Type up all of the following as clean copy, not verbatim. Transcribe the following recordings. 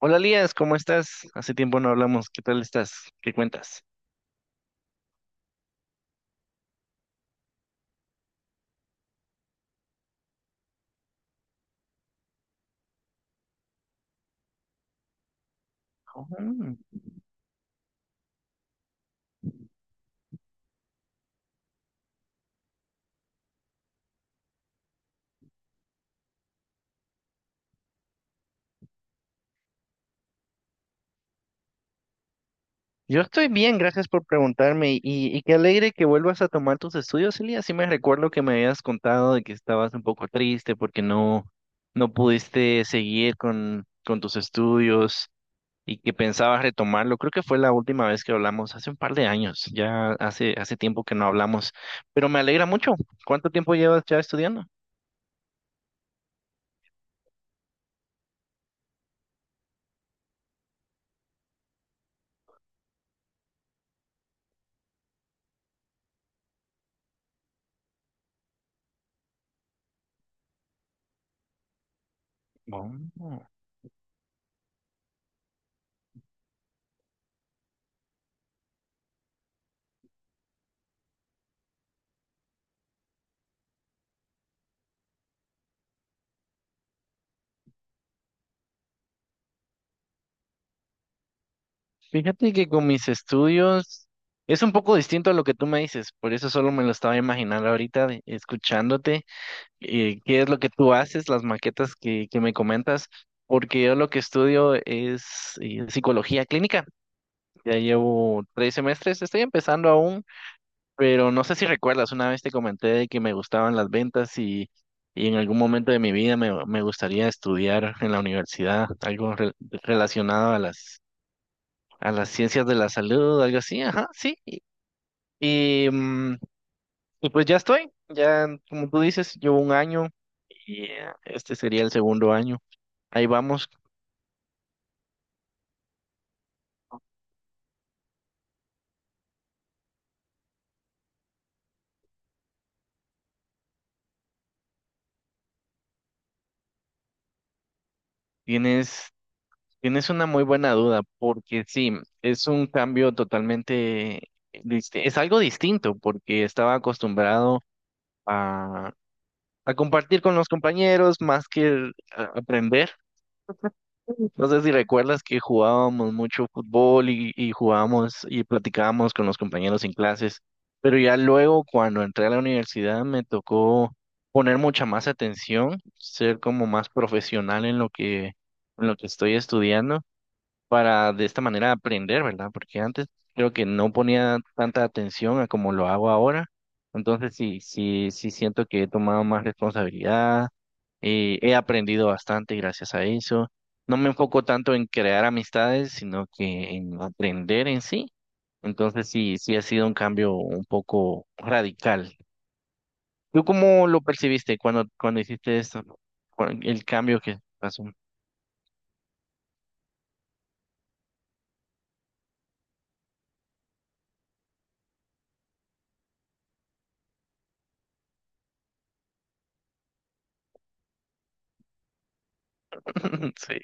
Hola Lías, ¿cómo estás? Hace tiempo no hablamos. ¿Qué tal estás? ¿Qué cuentas? Ujú. Yo estoy bien, gracias por preguntarme y qué alegre que vuelvas a tomar tus estudios, Elías. Sí me recuerdo que me habías contado de que estabas un poco triste porque no, no pudiste seguir con tus estudios y que pensabas retomarlo. Creo que fue la última vez que hablamos, hace un par de años, ya hace tiempo que no hablamos, pero me alegra mucho. ¿Cuánto tiempo llevas ya estudiando? Oh. Fíjate que con mis estudios es un poco distinto a lo que tú me dices, por eso solo me lo estaba imaginando ahorita escuchándote, qué es lo que tú haces, las maquetas que me comentas, porque yo lo que estudio es psicología clínica, ya llevo 3 semestres, estoy empezando aún, pero no sé si recuerdas, una vez te comenté de que me gustaban las ventas y en algún momento de mi vida me gustaría estudiar en la universidad algo relacionado a las ciencias de la salud, algo así, ajá, sí. Y, mm, y pues ya estoy, ya como tú dices, llevo un año y este sería el segundo año. Ahí vamos, tienes, tienes una muy buena duda, porque sí, es un cambio totalmente, es algo distinto, porque estaba acostumbrado a, a compartir con los compañeros más que aprender. No sé si recuerdas que jugábamos mucho fútbol y jugábamos y platicábamos con los compañeros en clases, pero ya luego cuando entré a la universidad me tocó poner mucha más atención, ser como más profesional en lo que estoy estudiando para de esta manera aprender, ¿verdad? Porque antes creo que no ponía tanta atención a como lo hago ahora. Entonces sí, sí, sí siento que he tomado más responsabilidad, he aprendido bastante gracias a eso. No me enfoco tanto en crear amistades, sino que en aprender en sí. Entonces sí, sí ha sido un cambio un poco radical. ¿Tú cómo lo percibiste cuando hiciste esto? El cambio que pasó. Sí,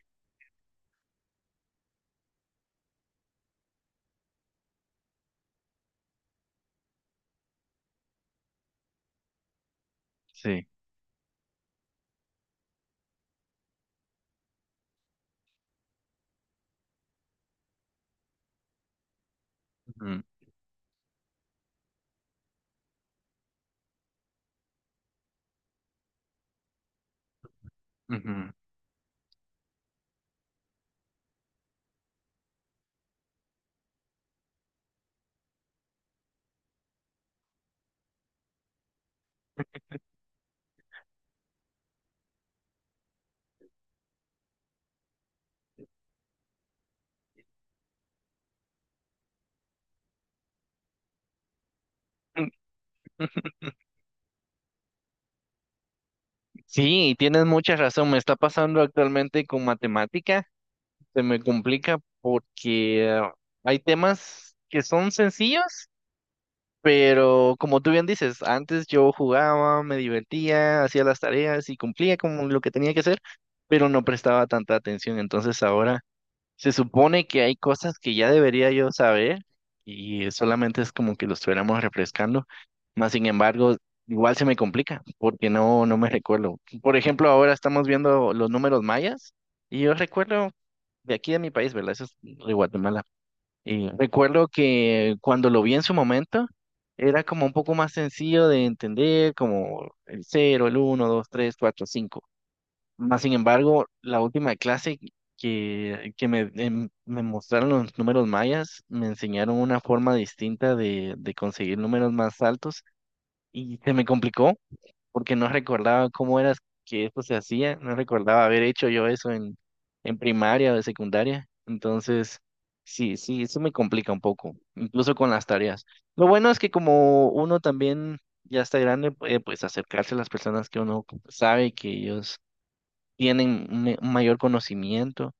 sí. Ujú, ujú. Sí, tienes mucha razón. Me está pasando actualmente con matemática. Se me complica porque hay temas que son sencillos, pero como tú bien dices, antes yo jugaba, me divertía, hacía las tareas y cumplía con lo que tenía que hacer, pero no prestaba tanta atención. Entonces ahora se supone que hay cosas que ya debería yo saber y solamente es como que lo estuviéramos refrescando. Más sin embargo, igual se me complica porque no, no me recuerdo. Por ejemplo, ahora estamos viendo los números mayas y yo recuerdo de aquí de mi país, ¿verdad? Eso es de Guatemala. Y recuerdo que cuando lo vi en su momento era como un poco más sencillo de entender, como el cero el uno dos tres cuatro cinco más sin embargo, la última clase que me mostraron los números mayas, me enseñaron una forma distinta de conseguir números más altos y se me complicó porque no recordaba cómo era que esto se hacía, no recordaba haber hecho yo eso en, primaria o de secundaria. Entonces, sí, sí, eso me complica un poco, incluso con las tareas. Lo bueno es que como uno también ya está grande, puede pues acercarse a las personas que uno sabe que ellos tienen un mayor conocimiento,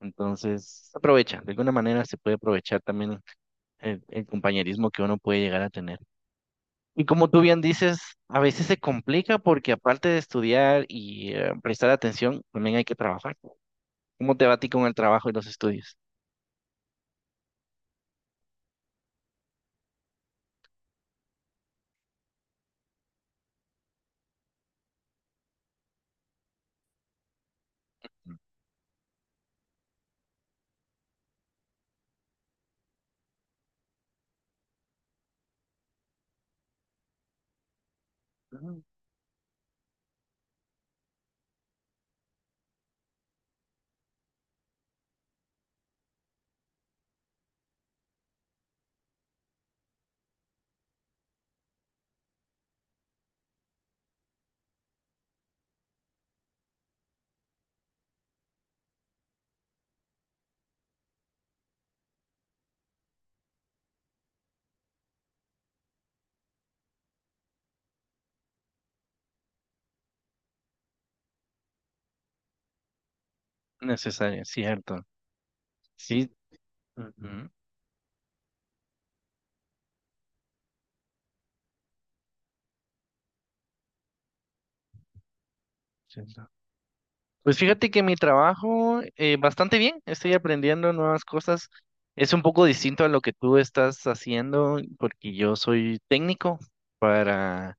entonces se aprovecha, de alguna manera se puede aprovechar también el compañerismo que uno puede llegar a tener. Y como tú bien dices, a veces se complica porque aparte de estudiar y prestar atención, también hay que trabajar. ¿Cómo te va a ti con el trabajo y los estudios? Ujú. Necesario, cierto. Sí. Ujú, sí, sí. Pues fíjate que mi trabajo bastante bien, estoy aprendiendo nuevas cosas. Es un poco distinto a lo que tú estás haciendo porque yo soy técnico para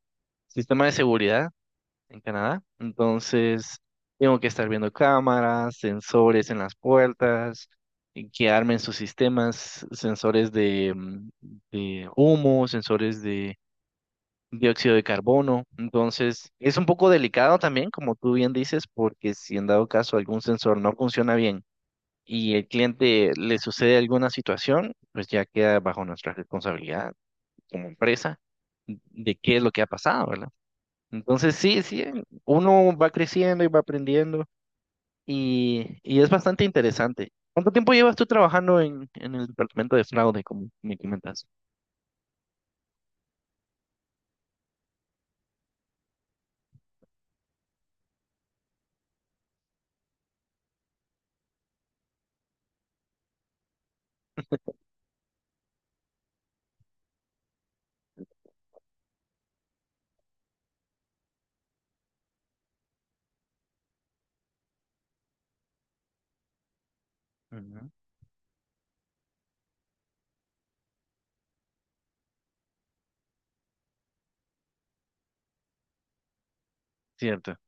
sistema de seguridad en Canadá. Entonces, tengo que estar viendo cámaras, sensores en las puertas, y que armen sus sistemas, sensores de humo, sensores dióxido de carbono. Entonces, es un poco delicado también, como tú bien dices, porque si en dado caso algún sensor no funciona bien y el cliente le sucede alguna situación, pues ya queda bajo nuestra responsabilidad como empresa de qué es lo que ha pasado, ¿verdad? Entonces, sí, sí, uno va creciendo y va aprendiendo y es bastante interesante. ¿Cuánto tiempo llevas tú trabajando en el departamento de fraude, como me comentas? Ujú. Cierto,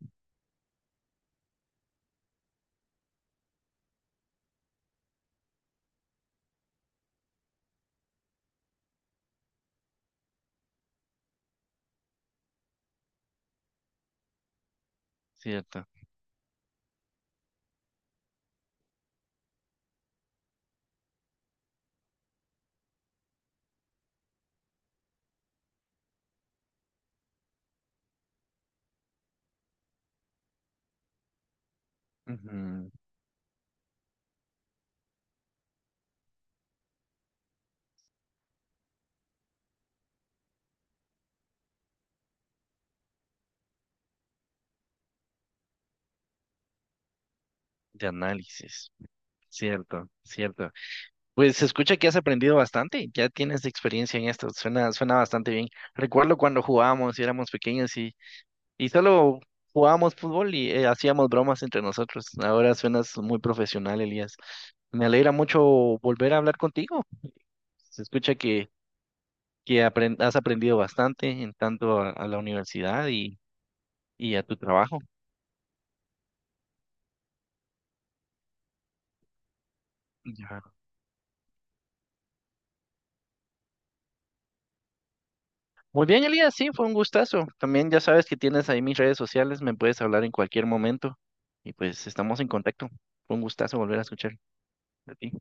cierto. Ujú. De análisis. Cierto, cierto. Pues se escucha que has aprendido bastante, ya tienes experiencia en esto, suena bastante bien. Recuerdo cuando jugábamos y éramos pequeños y solo jugábamos fútbol y hacíamos bromas entre nosotros. Ahora suenas muy profesional, Elías. Me alegra mucho volver a hablar contigo. Se escucha que has aprendido bastante en tanto a la universidad y a tu trabajo. Ya. Muy bien, Elías, sí, fue un gustazo. También ya sabes que tienes ahí mis redes sociales, me puedes hablar en cualquier momento y pues estamos en contacto. Fue un gustazo volver a escuchar de ti.